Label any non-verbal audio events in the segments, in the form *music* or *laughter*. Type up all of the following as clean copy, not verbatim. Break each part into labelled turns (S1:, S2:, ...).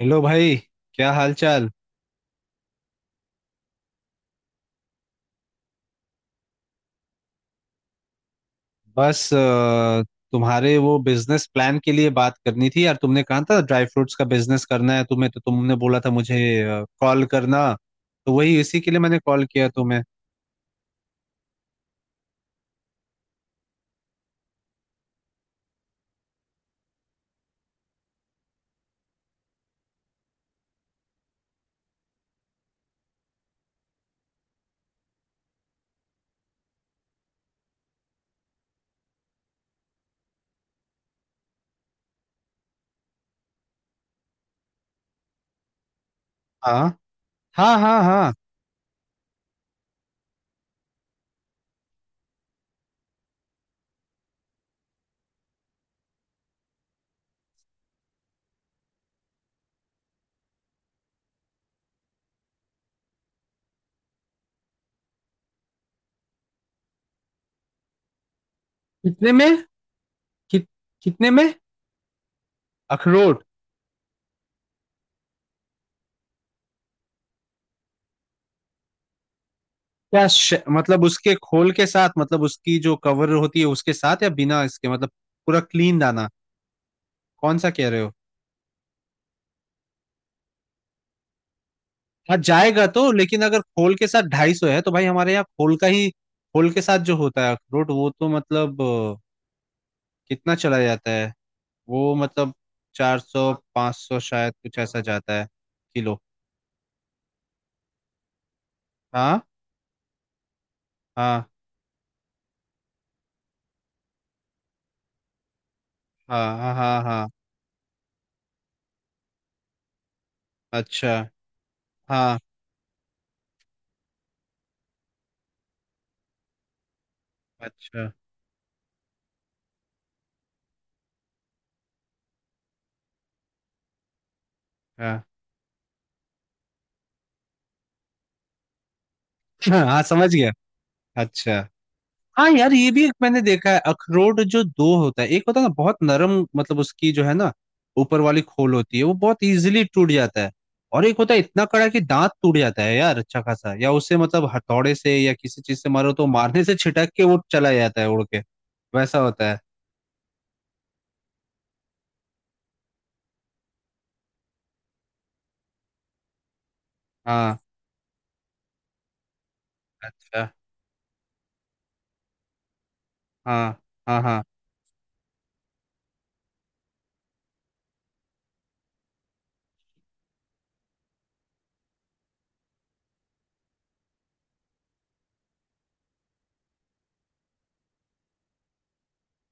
S1: Hello भाई। क्या हाल चाल। बस तुम्हारे वो बिजनेस प्लान के लिए बात करनी थी यार। तुमने कहा था ड्राई फ्रूट्स का बिजनेस करना है तुम्हें, तो तुमने बोला था मुझे कॉल करना। तो वही इसी के लिए मैंने कॉल किया तुम्हें। हाँ, हाँ, हाँ, हाँ। कितने में? कित कितने में? अखरोट? क्या, मतलब उसके खोल के साथ, मतलब उसकी जो कवर होती है उसके साथ, या बिना इसके, मतलब पूरा क्लीन दाना? कौन सा कह रहे हो? हाँ, जाएगा तो, लेकिन अगर खोल के साथ 250 है तो भाई हमारे यहाँ खोल का ही, खोल के साथ जो होता है अखरोट वो तो मतलब कितना चला जाता है? वो मतलब 400 500 शायद कुछ ऐसा जाता है, किलो। हाँ, हाँ, हाँ, हाँ, हाँ, हाँ। अच्छा। हाँ। अच्छा। हाँ। *laughs* हाँ, समझ गया। अच्छा। हाँ यार, ये भी एक मैंने देखा है, अखरोट जो दो होता है, एक होता है ना बहुत नरम, मतलब उसकी जो है ना ऊपर वाली खोल होती है वो बहुत इजीली टूट जाता है। और एक होता है इतना कड़ा कि दांत टूट जाता है यार, अच्छा खासा, या उससे मतलब हथौड़े से या किसी चीज से मारो तो मारने से छिटक के वो चला जाता है उड़ के। वैसा होता है। हाँ। अच्छा। हाँ, हाँ, हाँ।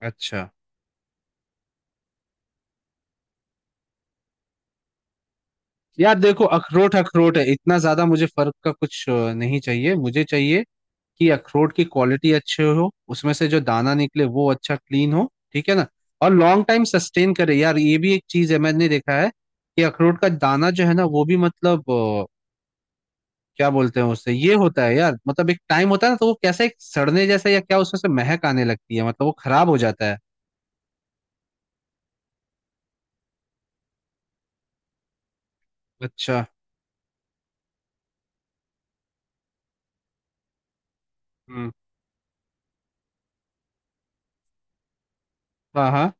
S1: अच्छा। यार देखो, अखरोट अखरोट है, इतना ज्यादा मुझे फर्क का कुछ नहीं चाहिए। मुझे चाहिए कि अखरोट की क्वालिटी अच्छे हो, उसमें से जो दाना निकले वो अच्छा क्लीन हो, ठीक है ना? और लॉन्ग टाइम सस्टेन करे, यार ये भी एक चीज है मैंने देखा है कि अखरोट का दाना जो है ना वो भी मतलब क्या बोलते हैं उससे ये होता है यार, मतलब एक टाइम होता है ना तो वो कैसा एक सड़ने जैसा या क्या उसमें से महक आने लगती है, मतलब वो खराब हो जाता है। अच्छा। हम्म। हाँ, हाँ।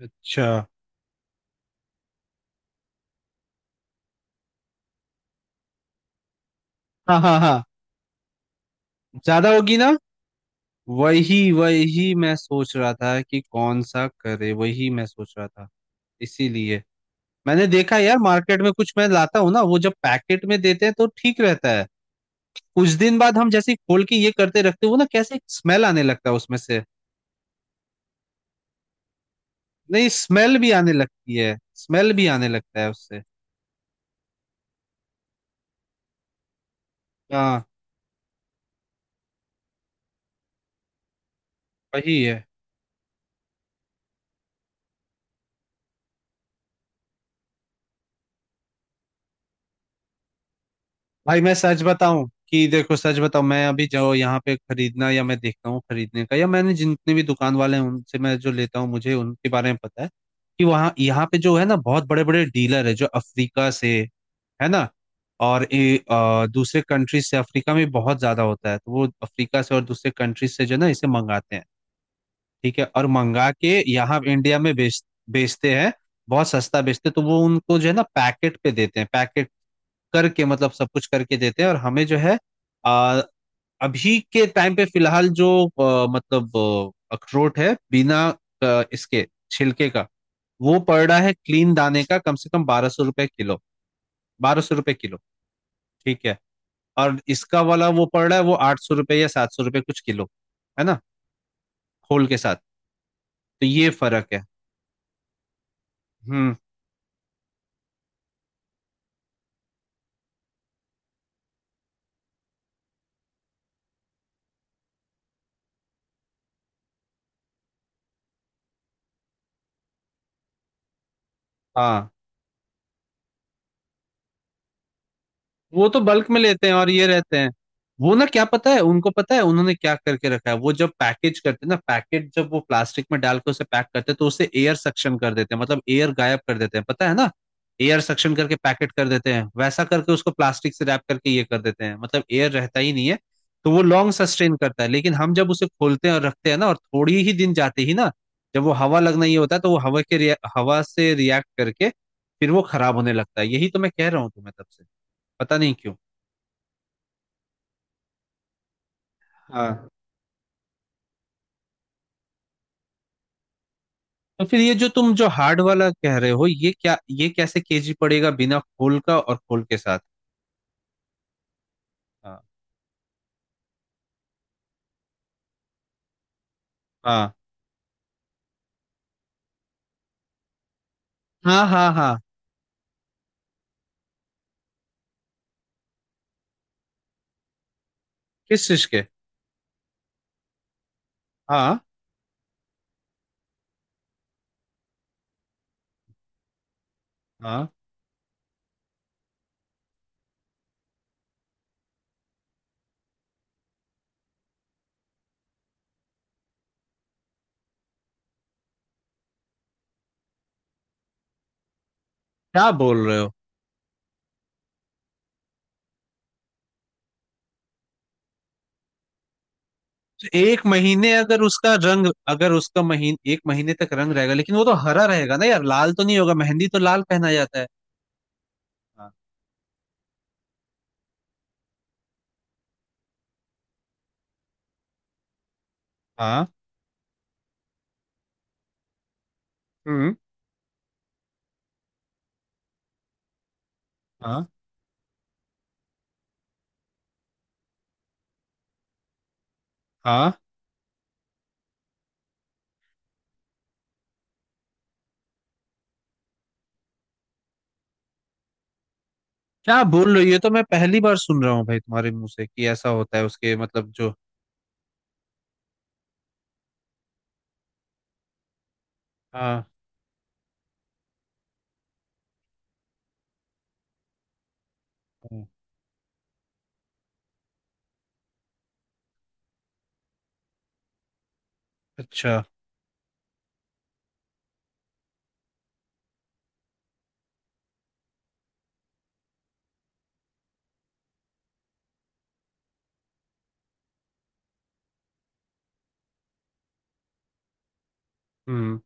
S1: अच्छा। हाँ, हाँ, हाँ। ज्यादा होगी ना। वही, वही मैं सोच रहा था कि कौन सा करे, वही मैं सोच रहा था। इसीलिए मैंने देखा है यार मार्केट में, कुछ मैं लाता हूँ ना, वो जब पैकेट में देते हैं तो ठीक रहता है। कुछ दिन बाद हम जैसे ही खोल के ये करते रखते हो ना, कैसे स्मेल आने लगता है उसमें से। नहीं, स्मेल भी आने लगती है, स्मेल भी आने लगता है उससे। हाँ, वही है। भाई मैं सच बताऊं, कि देखो सच बताऊं, मैं अभी जो यहाँ पे खरीदना, या मैं देखता हूँ खरीदने का, या मैंने जितने भी दुकान वाले हैं उनसे मैं जो लेता हूँ, मुझे उनके बारे में पता है कि वहाँ, यहाँ पे जो है ना बहुत बड़े बड़े डीलर है जो अफ्रीका से, है ना, और दूसरे कंट्री से, अफ्रीका में बहुत ज्यादा होता है, तो वो अफ्रीका से और दूसरे कंट्री से जो है ना इसे मंगाते हैं। ठीक है, और मंगा के यहाँ इंडिया में बेचते हैं, बहुत सस्ता बेचते हैं। तो वो उनको जो है ना पैकेट पे देते हैं, पैकेट करके मतलब सब कुछ करके देते हैं, और हमें जो है आ, अभी के टाइम पे फिलहाल जो मतलब अखरोट है बिना इसके छिलके का, वो पड़ रहा है क्लीन दाने का कम से कम 1200 रुपये किलो, 1200 रुपये किलो। ठीक है। और इसका वाला वो पड़ रहा है, वो 800 रुपये या 700 रुपये कुछ, किलो, है ना, होल के साथ। तो ये फर्क है। हम्म। हाँ, वो तो बल्क में लेते हैं, और ये रहते हैं। वो ना, क्या पता है, उनको पता है उन्होंने क्या करके रखा है। वो जब पैकेज करते हैं ना पैकेट, जब वो प्लास्टिक में डाल के उसे पैक करते हैं तो उसे एयर सक्शन कर देते हैं, मतलब एयर गायब कर देते हैं, पता है ना? एयर सक्शन करके पैकेट कर देते हैं, वैसा करके उसको प्लास्टिक से रैप करके ये कर देते हैं, मतलब एयर रहता ही नहीं है। तो वो लॉन्ग सस्टेन करता है, लेकिन हम जब उसे खोलते हैं और रखते हैं ना, और थोड़ी ही दिन जाते ही ना, जब वो हवा लगना ये होता है, तो वो हवा के हवा से रिएक्ट करके फिर वो खराब होने लगता है। यही तो मैं कह रहा हूँ तुम्हें तब से, पता नहीं क्यों। हाँ, तो फिर ये जो तुम जो हार्ड वाला कह रहे हो ये क्या, ये कैसे केजी पड़ेगा, बिना खोल का और खोल के साथ? हाँ, हाँ, हाँ, हाँ, हाँ। किस चीज के? हाँ, हाँ। क्या बोल रहे हो? तो एक महीने, अगर उसका रंग, अगर उसका महीन एक महीने तक रंग रहेगा, लेकिन वो तो हरा रहेगा ना यार, लाल तो नहीं होगा, मेहंदी तो लाल पहना जाता है। हाँ, हाँ। हम्म। हाँ, हाँ। क्या बोल रहे हो? ये तो मैं पहली बार सुन रहा हूँ भाई तुम्हारे मुंह से कि ऐसा होता है उसके, मतलब जो। हाँ। हाँ, अच्छा। हम्म।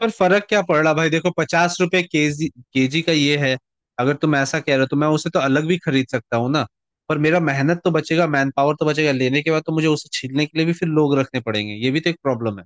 S1: पर फर्क क्या पड़ रहा भाई, देखो, 50 रुपए केजी, केजी का ये है। अगर तुम ऐसा कह रहे हो तो मैं उसे तो अलग भी खरीद सकता हूँ ना। पर मेरा मेहनत तो बचेगा, मैन पावर तो बचेगा, लेने के बाद तो मुझे उसे छीलने के लिए भी फिर लोग रखने पड़ेंगे, ये भी तो एक प्रॉब्लम है।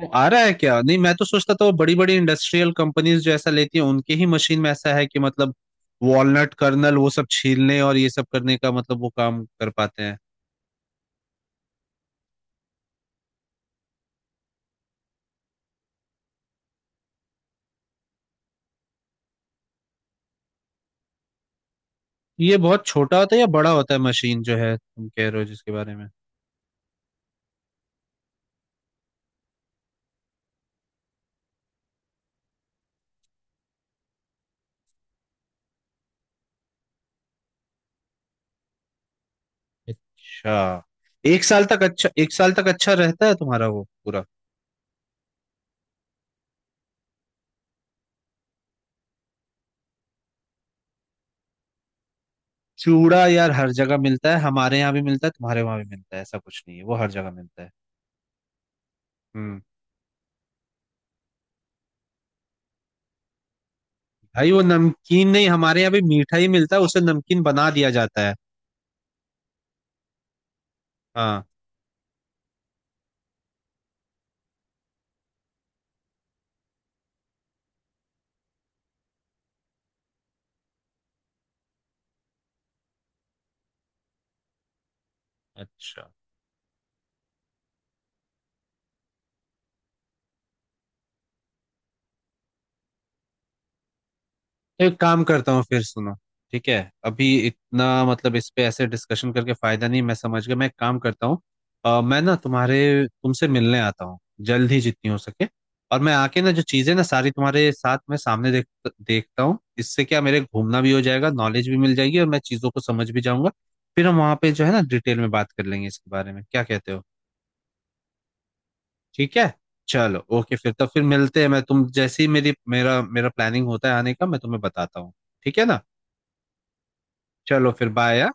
S1: तो आ रहा है क्या? नहीं, मैं तो सोचता था वो बड़ी बड़ी इंडस्ट्रियल कंपनीज जो ऐसा लेती हैं उनके ही मशीन में ऐसा है कि मतलब वॉलनट कर्नल वो सब छीलने और ये सब करने का, मतलब वो काम कर पाते हैं। ये बहुत छोटा होता है या बड़ा होता है मशीन जो है तुम कह रहे हो जिसके बारे में? अच्छा, एक साल तक, अच्छा, एक साल तक अच्छा रहता है तुम्हारा वो पूरा? चूड़ा यार हर जगह मिलता है, हमारे यहाँ भी मिलता है, तुम्हारे वहां भी मिलता है, ऐसा कुछ नहीं है, वो हर जगह मिलता है। हम्म। भाई वो नमकीन नहीं, हमारे यहाँ भी मीठा ही मिलता है, उसे नमकीन बना दिया जाता है। हाँ। अच्छा, तो एक काम करता हूँ, फिर सुनो। ठीक है, अभी इतना मतलब इस पे ऐसे डिस्कशन करके फायदा नहीं, मैं समझ गया, मैं एक काम करता हूँ। मैं ना तुम्हारे तुमसे मिलने आता हूँ जल्द ही जितनी हो सके। और मैं आके ना जो चीजें ना सारी तुम्हारे साथ मैं सामने देखता हूँ, इससे क्या मेरे घूमना भी हो जाएगा, नॉलेज भी मिल जाएगी, और मैं चीजों को समझ भी जाऊंगा। फिर हम वहां पे जो है ना डिटेल में बात कर लेंगे इसके बारे में, क्या कहते हो? ठीक है, चलो, ओके। फिर तो फिर मिलते हैं, मैं तुम जैसे ही मेरी मेरा मेरा प्लानिंग होता है आने का मैं तुम्हें बताता हूँ। ठीक है ना? चलो, फिर बाय।